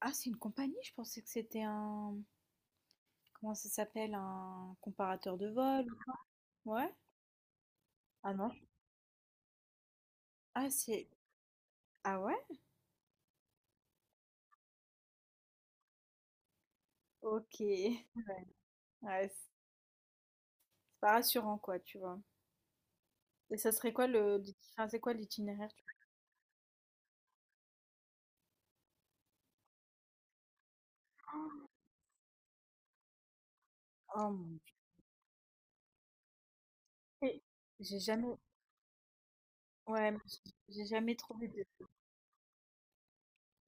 Ah, c'est une compagnie? Je pensais que c'était un... Comment ça s'appelle? Un comparateur de vol? Ouais? Ah non? Ah, c'est... Ah ouais? Ok. Ouais, c'est pas rassurant, quoi, tu vois. Et ça serait quoi le... c'est quoi l'itinéraire? Oh mon Dieu. Et J'ai jamais... Ouais, mais j'ai jamais trouvé de...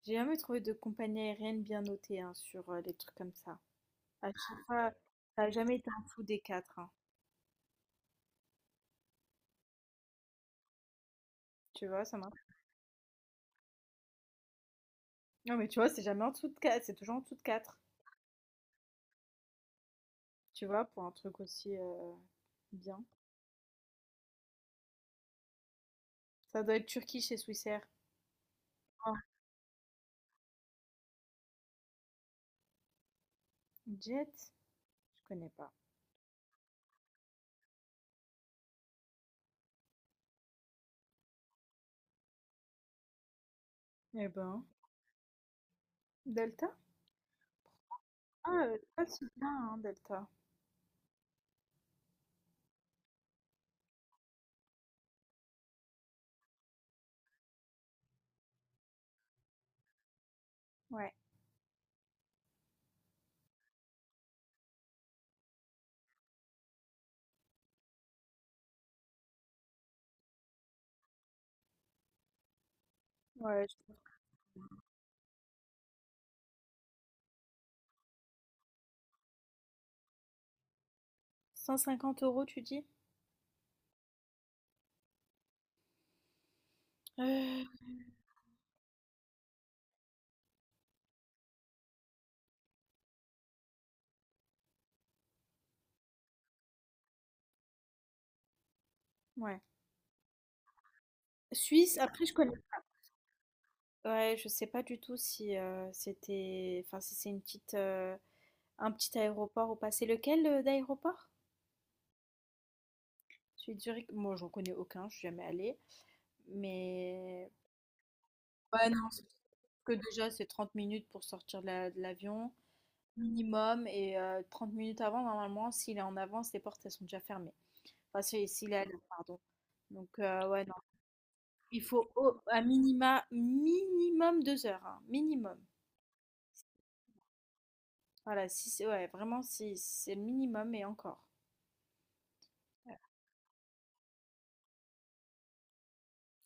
J'ai jamais trouvé de compagnie aérienne bien notée, hein, sur les trucs comme ça. À chaque fois, ça a jamais été en dessous des 4, hein. Tu vois, ça marche. Non, mais tu vois, c'est jamais en dessous de 4. C'est toujours en dessous de 4. Tu vois, pour un truc aussi... Bien. Ça doit être Turquie chez Swissair. Ah, Jet? Je connais pas. Eh ben, Delta? Ah, pas si bien, hein, Delta. Ouais. Ouais. Cent cinquante euros, tu dis? euh, Ouais. Suisse, après, je connais. Ouais, je sais pas du tout si c'était. Enfin, si c'est un petit aéroport ou pas. C'est lequel d'aéroport? Celui de Zurich? Moi, j'en connais aucun, je suis jamais allée. Mais. Ouais, non, que déjà, c'est 30 minutes pour sortir de de l'avion. Minimum, et 30 minutes avant, normalement, s'il est en avance, les portes, elles sont déjà fermées. Enfin, si s'il est à l'heure, pardon. Donc ouais, non, il faut au minimum 2 heures, hein, minimum. Voilà, si c'est ouais, vraiment, si c'est le minimum et encore. Ouais.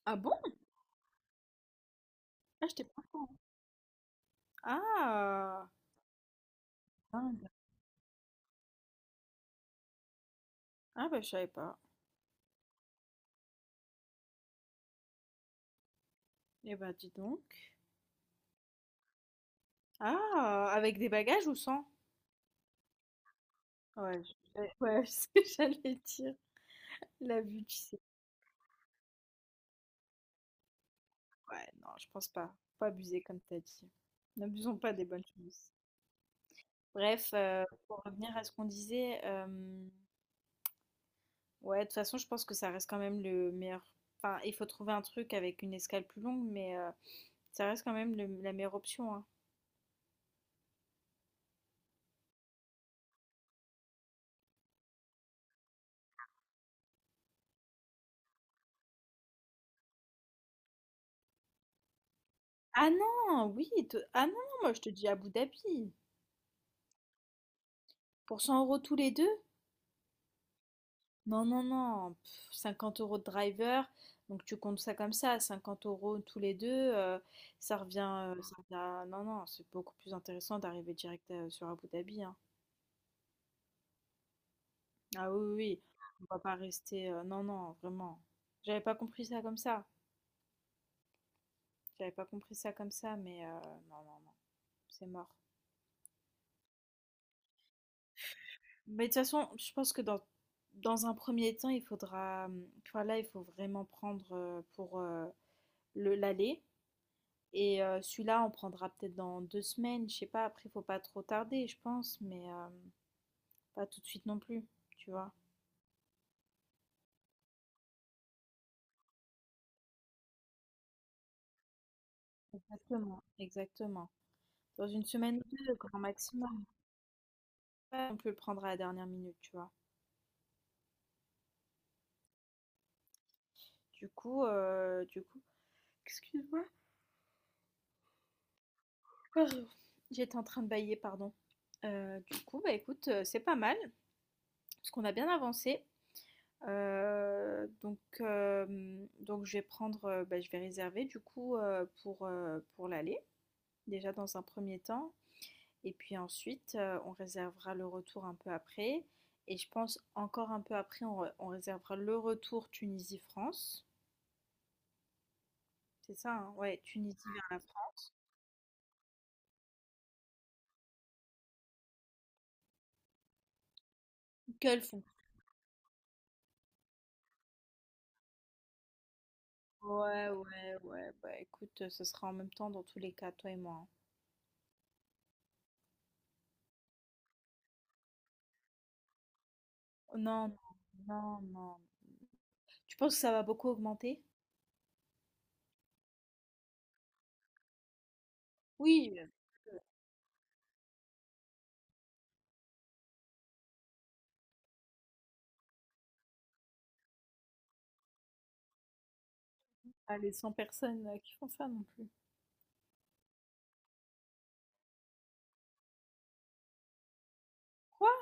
Ah bon? Ah, j'étais pas au courant. Ah! Dingue. Ah bah, je savais pas. Eh bah, dis donc. Ah! Avec des bagages ou sans? Ouais, je ouais, c'est ce que j'allais dire la vue, tu sais. Ouais, non, je pense pas. Faut pas abuser, comme t'as dit. N'abusons pas des bonnes choses. Bref, pour revenir à ce qu'on disait, ouais, de toute façon, je pense que ça reste quand même le meilleur. Enfin, il faut trouver un truc avec une escale plus longue, mais ça reste quand même la meilleure option, hein. Ah non, oui, ah non, moi je te dis Abu Dhabi. Pour 100 € tous les deux, non, non, non, pff, 50 € de driver, donc tu comptes ça comme ça, 50 € tous les deux, ça revient à... Non, non, c'est beaucoup plus intéressant d'arriver direct sur Abu Dhabi, hein. Ah oui, oui, oui, on va pas rester... non, non, vraiment. J'avais pas compris ça comme ça, j'avais pas compris ça comme ça, mais non, non, non, c'est mort. Mais de toute façon, je pense que dans, dans un premier temps, il faudra... Enfin là, il faut vraiment prendre pour le l'aller. Et celui-là, on prendra peut-être dans 2 semaines, je sais pas, après, faut pas trop tarder, je pense, mais pas tout de suite non plus, tu vois. Exactement. Exactement. Dans une semaine ou deux, grand maximum. Ouais, on peut le prendre à la dernière minute, tu vois. Du coup, excuse-moi, pardon. J'étais en train de bailler, pardon. Du coup, bah écoute, c'est pas mal, parce qu'on a bien avancé. Donc, donc je vais prendre, bah, je vais réserver du coup pour l'aller, déjà dans un premier temps. Et puis ensuite, on réservera le retour un peu après. Et je pense encore un peu après, on réservera le retour Tunisie-France. C'est ça, hein. Ouais, Tunisie vers la France. Quel font Ouais, ouais, ouais. Bah écoute, ce sera en même temps dans tous les cas, toi et moi, hein. Oh, non, non, non, non. Tu penses que ça va beaucoup augmenter? Oui, pas les 100 personnes qui font ça non plus. Quoi?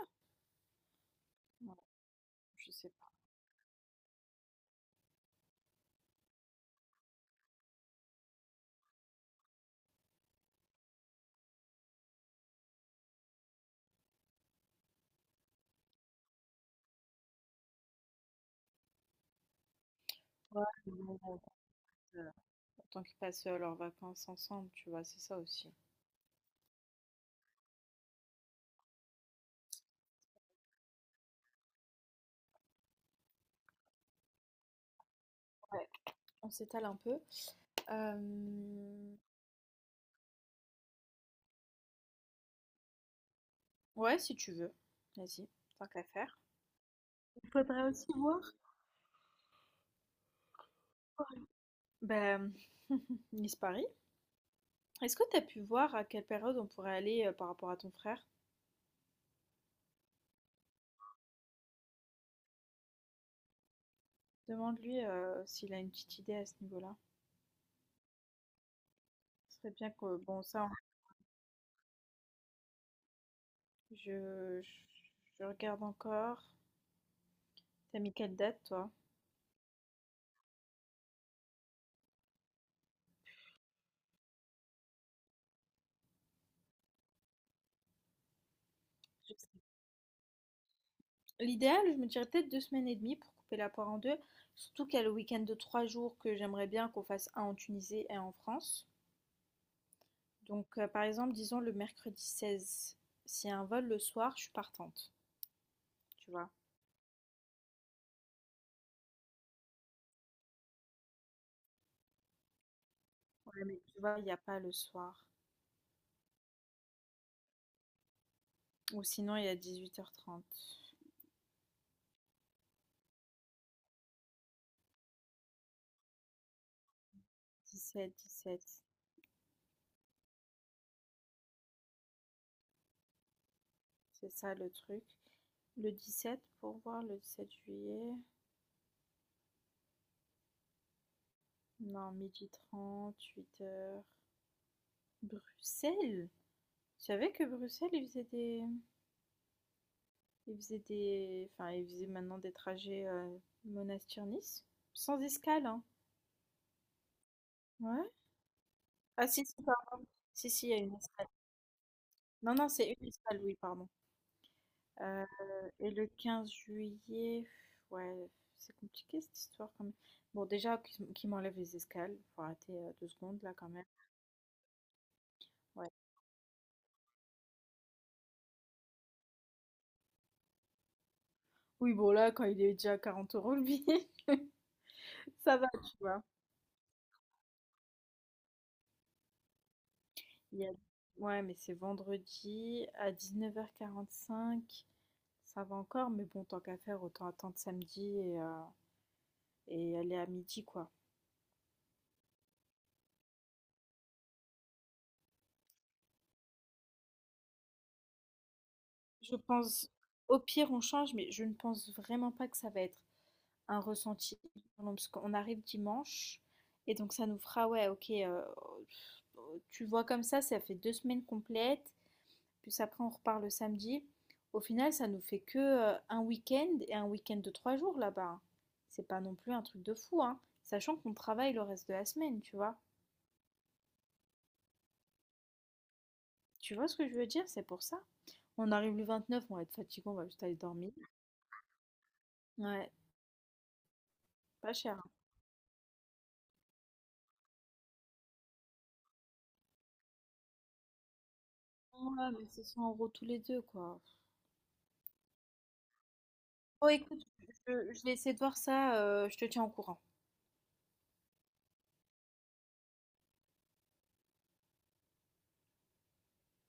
Ouais, je sais pas. Ouais, mais bon, euh, autant qu'ils passent leurs vacances ensemble, tu vois, c'est ça aussi. On s'étale un peu. Euh, Ouais, si tu veux. Vas-y, tant qu'à faire. Il faudrait aussi voir. Ben, Miss Paris, est-ce que tu as pu voir à quelle période on pourrait aller par rapport à ton frère? Demande-lui s'il a une petite idée à ce niveau-là. Ce serait bien que, bon, ça, on- je, je, je regarde encore. T'as mis quelle date, toi? Je sais. L'idéal, je me dirais peut-être 2 semaines et demie pour couper la poire en deux. Surtout qu'il y a le week-end de 3 jours que j'aimerais bien qu'on fasse un en Tunisie et un en France. Donc, par exemple, disons le mercredi 16. S'il y a un vol le soir, je suis partante, tu vois. Ouais, mais tu vois, il n'y a pas le soir. Ou sinon, il y a 18h30, dix-sept. C'est ça le truc. Le 17 pour voir le 7 juillet. Non, 12h30, 8 heures. Bruxelles? Tu savais que Bruxelles, ils faisaient des... Enfin, ils faisaient maintenant des trajets Monastir-Nice? Sans escale, hein. Ouais. Ah si, si, pardon. Si, si, il y a une escale. Non, non, c'est une escale, oui, pardon. Euh, et le 15 juillet, ouais, c'est compliqué cette histoire quand même. Bon, déjà, qu'ils les escales, faut arrêter 2 secondes là quand même. Ouais. Oui, bon, là, quand il est déjà à 40 € le billet, ça va, tu vois. Il y a- Ouais, mais c'est vendredi à 19h45, ça va encore, mais bon, tant qu'à faire, autant attendre samedi et aller à midi, quoi. Je pense, au pire, on change, mais je ne pense vraiment pas que ça va être un ressenti, parce qu'on arrive dimanche, et donc ça nous fera, ouais, ok, tu vois comme ça fait 2 semaines complètes, puis après on repart le samedi. Au final, ça nous fait que un week-end et un week-end de trois jours là-bas. C'est pas non plus un truc de fou, hein, sachant qu'on travaille le reste de la semaine, tu vois. Tu vois ce que je veux dire, c'est pour ça. On arrive le 29, on va être fatigué, on va juste aller dormir. Ouais, pas cher. Ouais, mais c'est 100 € tous les deux, quoi. Bon écoute, je vais essayer de voir ça, je te tiens au courant.